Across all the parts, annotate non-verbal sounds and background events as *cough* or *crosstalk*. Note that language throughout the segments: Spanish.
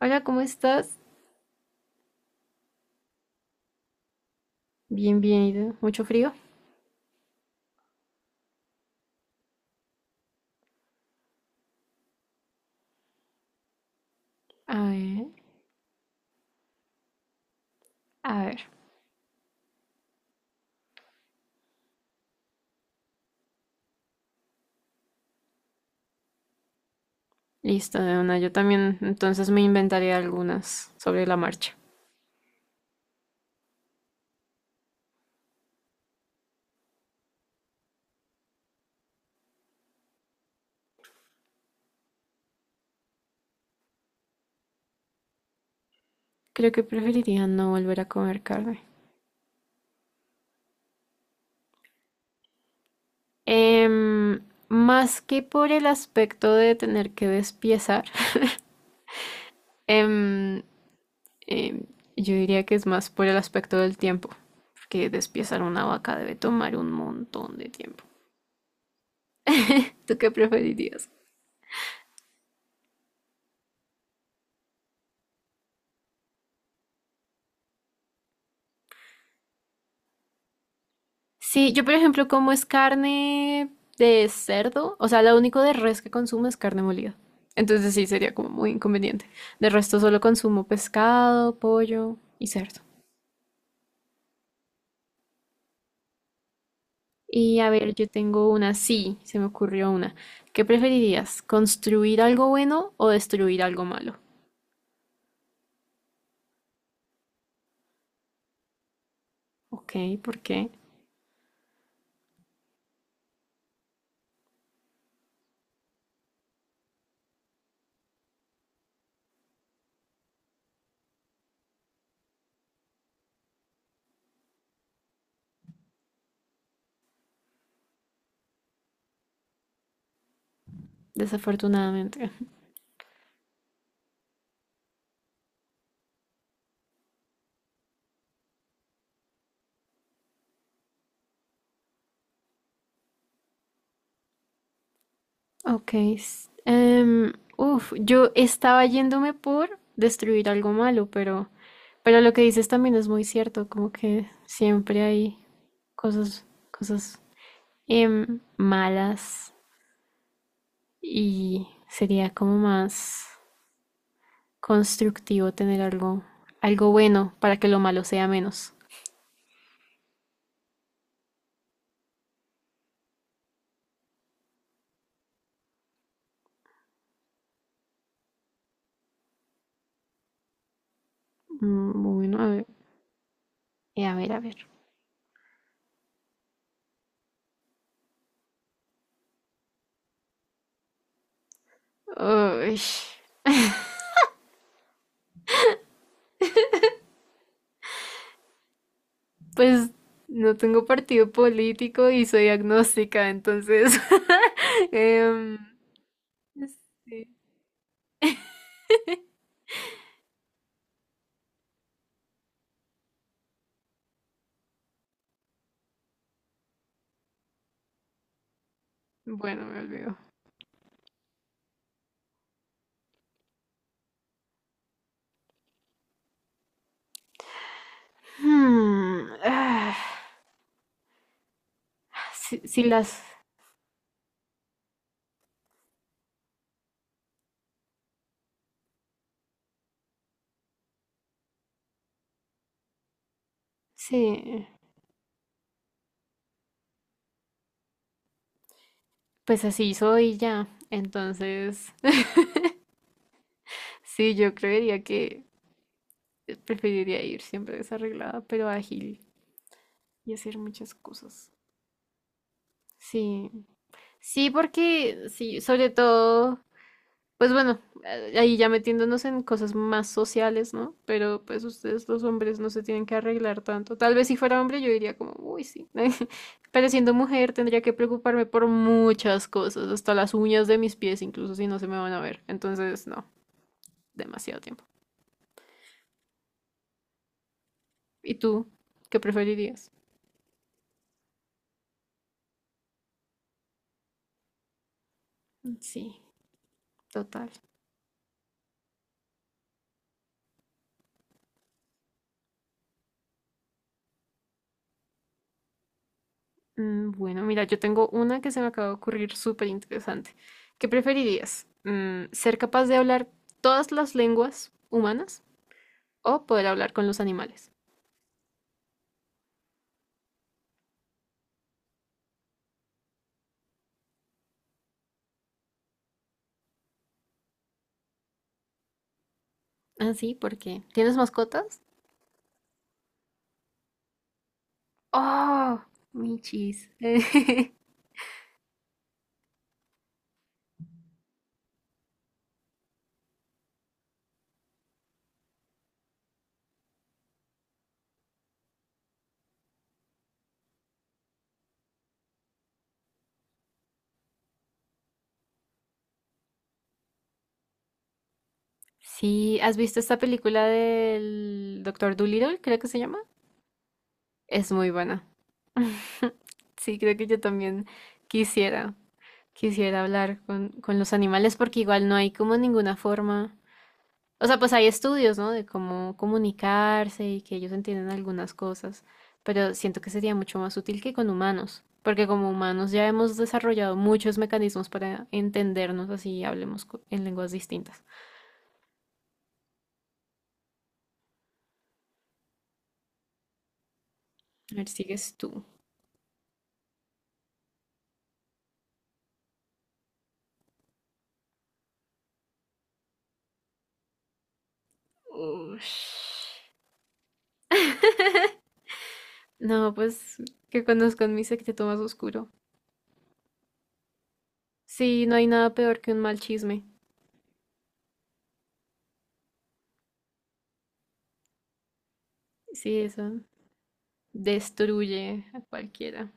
Hola, ¿cómo estás? Bien, bien, ¿y tú? ¿Mucho frío? A ver, a ver. Listo, de una. Yo también entonces me inventaré algunas sobre la marcha. Creo que preferiría no volver a comer carne. Em, Más que por el aspecto de tener que despiezar, em, em, yo diría que es más por el aspecto del tiempo, porque despiezar una vaca debe tomar un montón de tiempo. *laughs* ¿Tú qué preferirías? Sí, yo por ejemplo como es carne de cerdo, o sea, lo único de res que consumo es carne molida. Entonces sí, sería como muy inconveniente. De resto solo consumo pescado, pollo y cerdo. Y a ver, yo tengo una, sí, se me ocurrió una. ¿Qué preferirías? ¿Construir algo bueno o destruir algo malo? Ok, ¿por qué? Desafortunadamente. Ok. Yo estaba yéndome por destruir algo malo, pero lo que dices también es muy cierto, como que siempre hay cosas malas, y sería como más constructivo tener algo, algo bueno para que lo malo sea menos. Mm. Bueno, a ver, a ver, a ver. Uy, pues no tengo partido político y soy agnóstica, entonces *laughs* em, sí. Bueno, me olvido. Hmm, ah, si, si las, Sí, pues así soy ya. Entonces, *laughs* sí, yo creería que preferiría ir siempre desarreglada, pero ágil y hacer muchas cosas. Sí, sí, porque sí, sobre todo, pues bueno, ahí ya metiéndonos en cosas más sociales, ¿no? Pero pues ustedes los hombres no se tienen que arreglar tanto. Tal vez si fuera hombre yo diría como, uy, sí. *laughs* Pero siendo mujer tendría que preocuparme por muchas cosas, hasta las uñas de mis pies, incluso si no se me van a ver. Entonces, no. Demasiado tiempo. ¿Y tú qué preferirías? Sí. Total. Mm. Bueno, mira, yo tengo una que se me acaba de ocurrir súper interesante. ¿Qué preferirías? ¿Ser capaz de hablar todas las lenguas humanas o poder hablar con los animales? Ah, sí, ¿por qué? ¿Tienes mascotas? ¡Oh! Michis. *laughs* Sí, ¿has visto esta película del Doctor Dolittle? Creo que se llama. Es muy buena. *laughs* Sí, creo que yo también quisiera. Quisiera hablar con los animales porque igual no hay como ninguna forma. O sea, pues hay estudios, ¿no? De cómo comunicarse y que ellos entienden algunas cosas, pero siento que sería mucho más útil que con humanos, porque como humanos ya hemos desarrollado muchos mecanismos para entendernos así y hablemos en lenguas distintas. A ver, sigues tú. Ush. No, pues que conozcan mi secreto más oscuro. Sí, no hay nada peor que un mal chisme. Sí, eso destruye a cualquiera.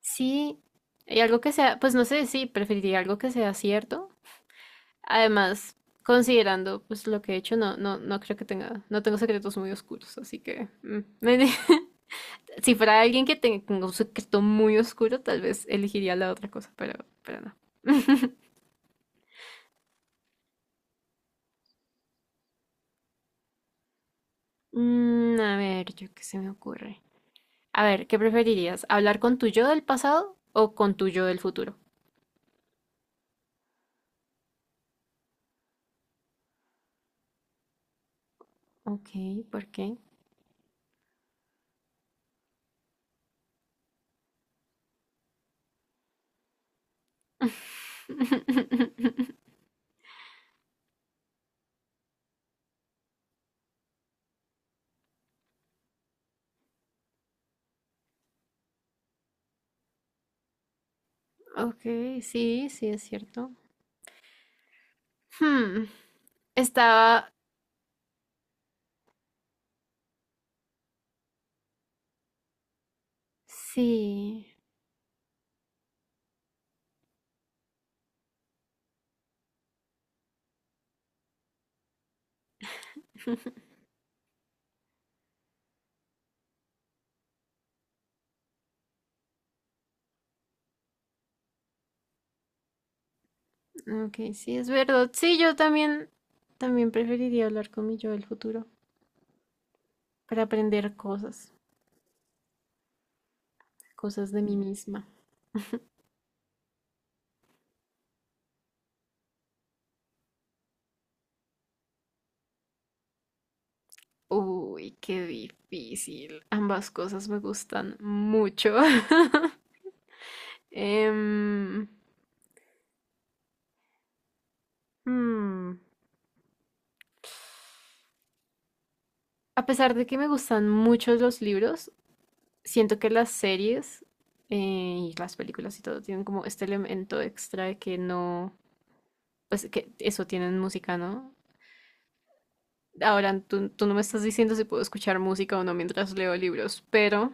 Sí, y algo que sea, pues no sé, sí, preferiría algo que sea cierto. Además, considerando pues lo que he hecho, no, no, no creo que tenga, no tengo secretos muy oscuros, así que mm, *laughs* si fuera alguien que tenga un secreto muy oscuro, tal vez elegiría la otra cosa, pero no. Mm, a ver, yo qué se me ocurre. A ver, ¿qué preferirías? ¿Hablar con tu yo del pasado o con tu yo del futuro? Ok, ¿por qué? *laughs* Ok, sí, sí es cierto. Hmm, Estaba, sí, ok, sí, es verdad. Sí, yo también, también preferiría hablar con mi yo del futuro para aprender cosas, cosas de mí misma. Uy, qué difícil. Ambas cosas me gustan mucho. *laughs* Em, hmm, a pesar de que me gustan mucho los libros, siento que las series eh, y las películas y todo tienen como este elemento extra de que no, pues que eso tienen música, ¿no? Ahora, tú no me estás diciendo si puedo escuchar música o no mientras leo libros, pero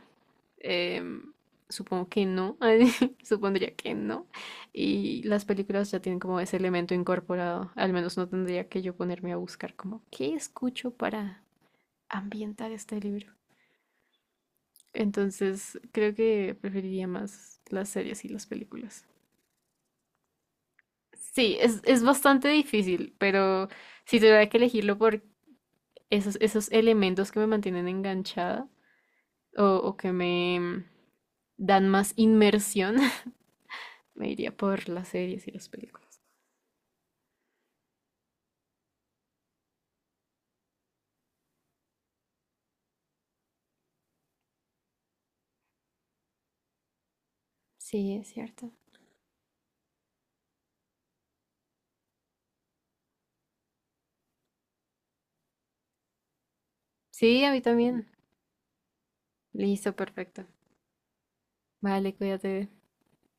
em, supongo que no, *laughs* supondría que no. Y las películas ya tienen como ese elemento incorporado, al menos no tendría que yo ponerme a buscar como qué escucho para ambientar este libro. Entonces, creo que preferiría más las series y las películas. Sí, es bastante difícil, pero si tuviera que elegirlo por esos elementos que me mantienen enganchada, o que me dan más inmersión, *laughs* me iría por las series y las películas. Sí, es cierto. Sí, a mí también. Listo, perfecto. Vale, cuídate.